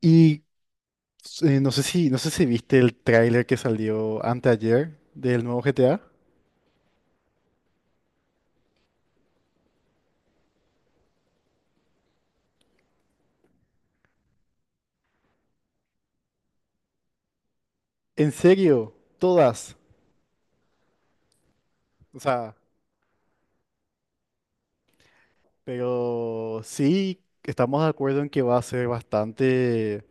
Y no sé si viste el tráiler que salió anteayer del nuevo GTA. En serio, todas. O sea, pero sí estamos de acuerdo en que va a ser bastante.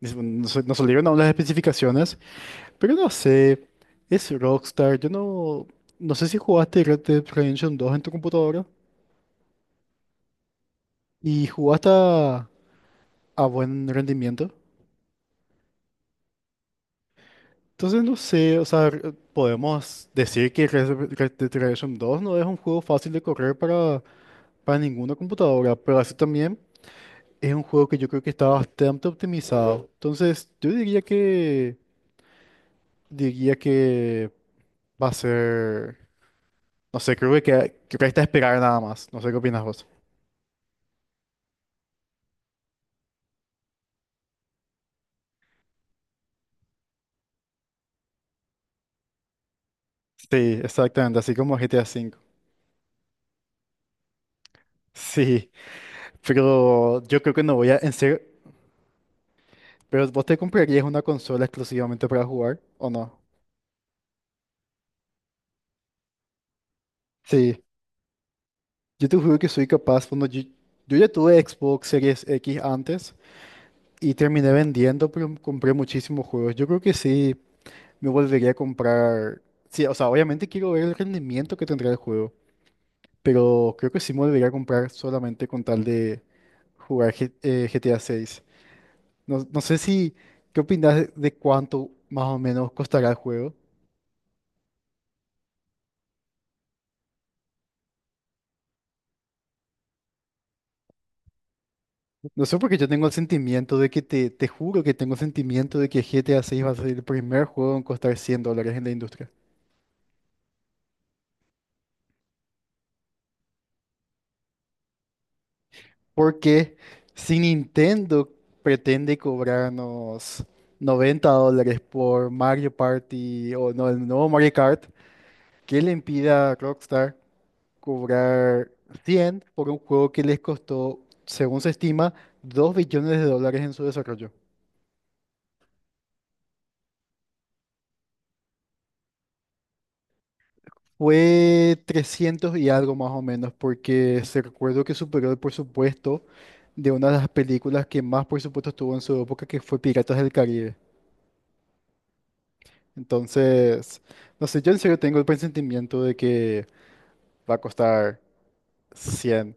Nos salieron aún las especificaciones, pero no sé. Es Rockstar. Yo no. No sé si jugaste Red Dead Redemption 2 en tu computadora y jugaste a buen rendimiento. Entonces no sé, o sea, podemos decir que Red Dead Redemption 2 no es un juego fácil de correr para ninguna computadora, pero así también es un juego que yo creo que está bastante optimizado. Entonces yo diría que va a ser, no sé, creo que que resta esperar nada más, no sé qué opinas vos. Sí, exactamente, así como GTA V. Sí, pero yo creo que no voy a, en serio, pero vos te comprarías una consola exclusivamente para jugar, ¿o no? Sí. Yo te juro que soy capaz, cuando yo ya tuve Xbox Series X antes y terminé vendiendo, pero compré muchísimos juegos. Yo creo que sí, me volvería a comprar. Sí, o sea, obviamente quiero ver el rendimiento que tendrá el juego, pero creo que sí me volvería a comprar solamente con tal de jugar GTA 6. No, no sé si, ¿qué opinas de cuánto más o menos costará el juego? No sé porque yo tengo el sentimiento de que te juro que tengo el sentimiento de que GTA 6 va a ser el primer juego en costar $100 en la industria. Porque si Nintendo pretende cobrarnos $90 por Mario Party o no, el nuevo Mario Kart, ¿qué le impide a Rockstar cobrar 100 por un juego que les costó, según se estima, 2 billones de dólares en su desarrollo? Fue 300 y algo más o menos, porque se recuerdo que superó el presupuesto de una de las películas que más presupuesto tuvo en su época, que fue Piratas del Caribe. Entonces, no sé, yo en serio tengo el presentimiento de que va a costar 100.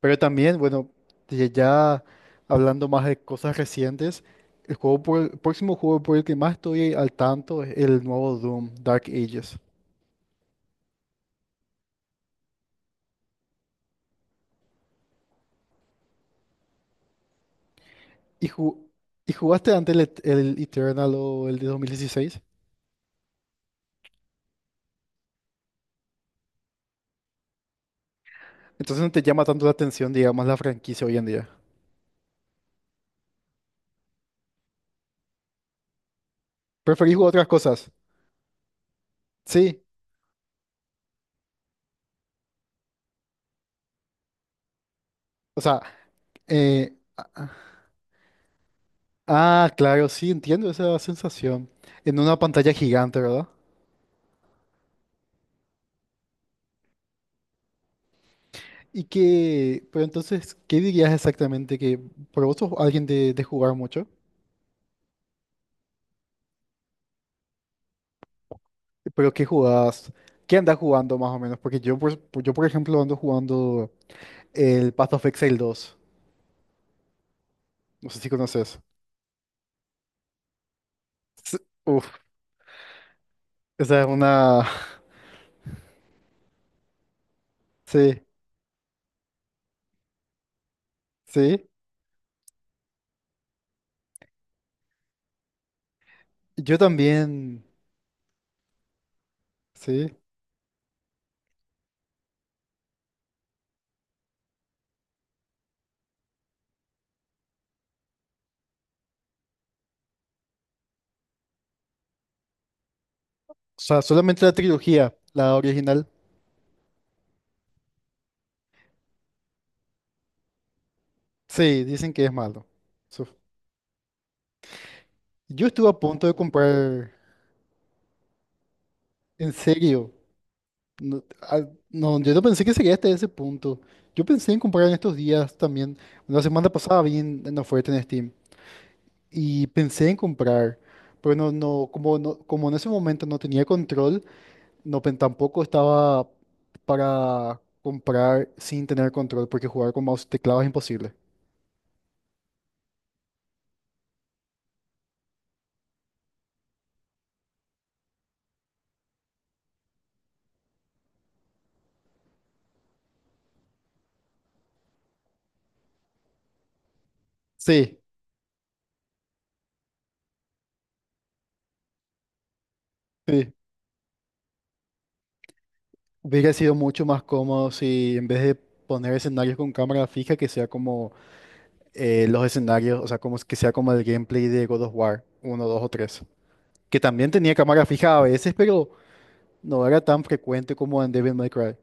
Pero también, bueno, de ya hablando más de cosas recientes, el próximo juego por el que más estoy al tanto es el nuevo Doom, Dark Ages. ¿Y, ju- y jugaste antes el Eternal o el de 2016? Entonces no te llama tanto la atención, digamos, la franquicia hoy en día. ¿Preferís jugar otras cosas? Sí. O sea, eh, ah, claro, sí, entiendo esa sensación. En una pantalla gigante, ¿verdad? Pero entonces, ¿qué dirías exactamente que, por vos sos alguien de jugar mucho? ¿Pero qué jugás? ¿Qué andas jugando más o menos? Porque yo, por ejemplo, ando jugando el Path of Exile 2. No sé si conoces. S- Uf, esa es una. Sí, sí. Yo también, sí. O sea, solamente la trilogía, la original. Sí, dicen que es malo. Su- Yo estuve a punto de comprar. En serio, no, ah, no, yo no pensé que sería hasta ese punto. Yo pensé en comprar en estos días también. La semana pasada vi en oferta en Steam y pensé en comprar, pero no, no, como, no, como en ese momento no tenía control, no, tampoco estaba para comprar sin tener control, porque jugar con mouse y teclado es imposible. Sí, sí. Hubiera sido mucho más cómodo si en vez de poner escenarios con cámara fija, que sea como los escenarios, o sea, como es que sea como el gameplay de God of War uno, 2 o 3, que también tenía cámara fija a veces, pero no era tan frecuente como en Devil May Cry.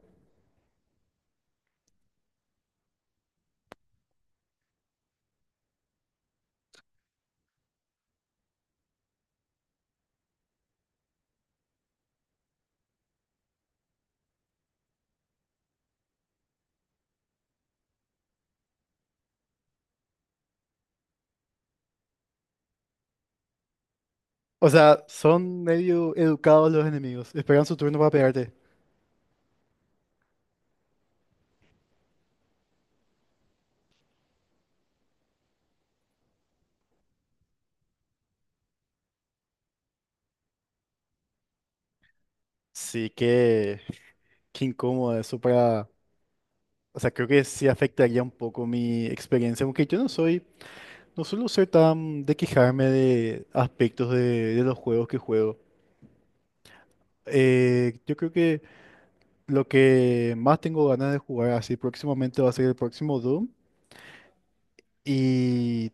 O sea, son medio educados los enemigos, esperan su turno para pegarte. Sí, que qué incómodo eso para. O sea, creo que sí afectaría un poco mi experiencia, aunque yo no soy, no suelo ser tan de quejarme de aspectos de, los juegos que juego. Yo creo que lo que más tengo ganas de jugar así próximamente va a ser el próximo Doom. Y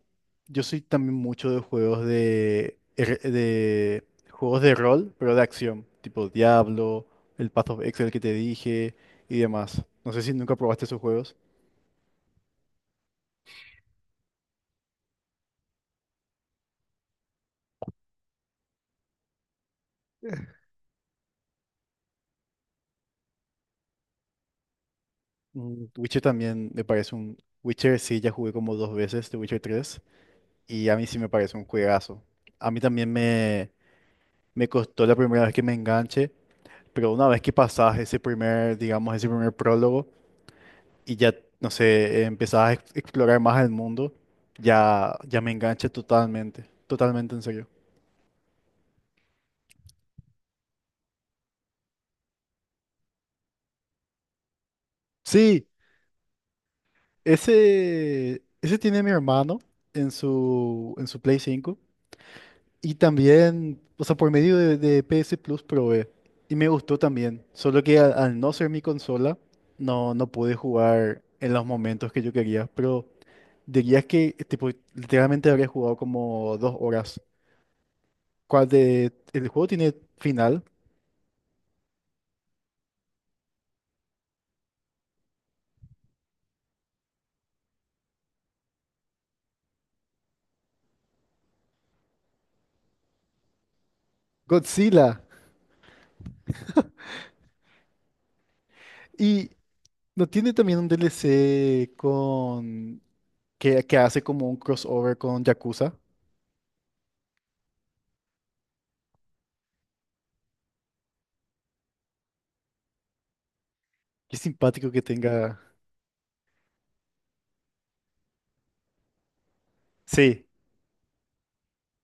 yo soy también mucho de juegos de juegos de rol, pero de acción, tipo Diablo, el Path of Exile que te dije y demás. No sé si nunca probaste esos juegos. Witcher también me parece un. Witcher sí, ya jugué como dos veces, de Witcher tres y a mí sí me parece un juegazo. A mí también me costó la primera vez que me enganché. Pero una vez que pasás ese primer, digamos, ese primer prólogo y ya, no sé, empezás a explorar más el mundo, ya me enganché totalmente, totalmente en serio. Sí, ese tiene mi hermano en su Play cinco y también, o sea, por medio de, PS Plus probé y me gustó también, solo que al no ser mi consola, no, no pude jugar en los momentos que yo quería, pero. Dirías que tipo, literalmente habría jugado como 2 horas. ¿Cuál de? El juego tiene final. Godzilla. Y no tiene también un DLC con. Que hace como un crossover con Yakuza. Qué simpático que tenga. Sí,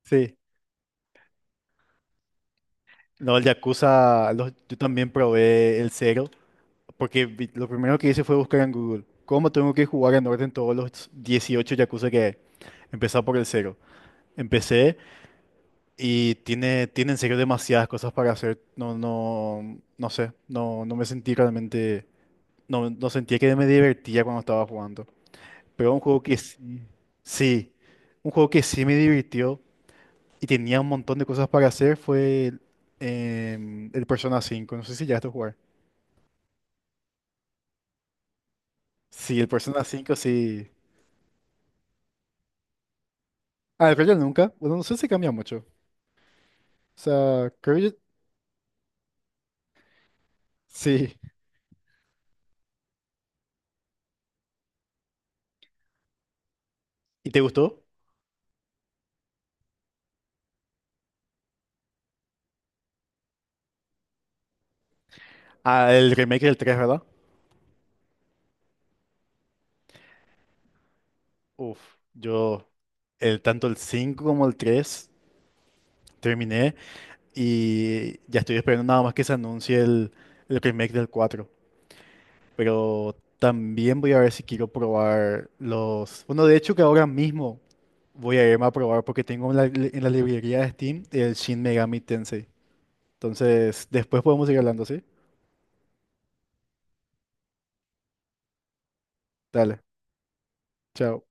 sí. No, el Yakuza, yo también probé el cero, porque lo primero que hice fue buscar en Google cómo tengo que jugar en orden todos los 18 Yakuza que hay. Empezar por el cero. Empecé. Y tiene en serio demasiadas cosas para hacer. No, no, no sé. No, no me sentí realmente. No, no sentía que me divertía cuando estaba jugando. Pero un juego que sí. Sí. Un juego que sí me divirtió y tenía un montón de cosas para hacer fue el Persona 5. No sé si ya está a jugar. Sí, el Persona 5 sí. Ah, el Royal nunca. Bueno, no sé si cambia mucho. O sea, creo. Sí. ¿Y te gustó? Ah, el remake del tres, ¿verdad? Uf, yo, tanto el 5 como el 3 terminé y ya estoy esperando nada más que se anuncie el remake del cuatro. Pero también voy a ver si quiero probar los. Bueno, de hecho que ahora mismo voy a irme a probar porque tengo en la librería de Steam el Shin Megami Tensei. Entonces, después podemos seguir hablando, ¿sí? Dale, chao.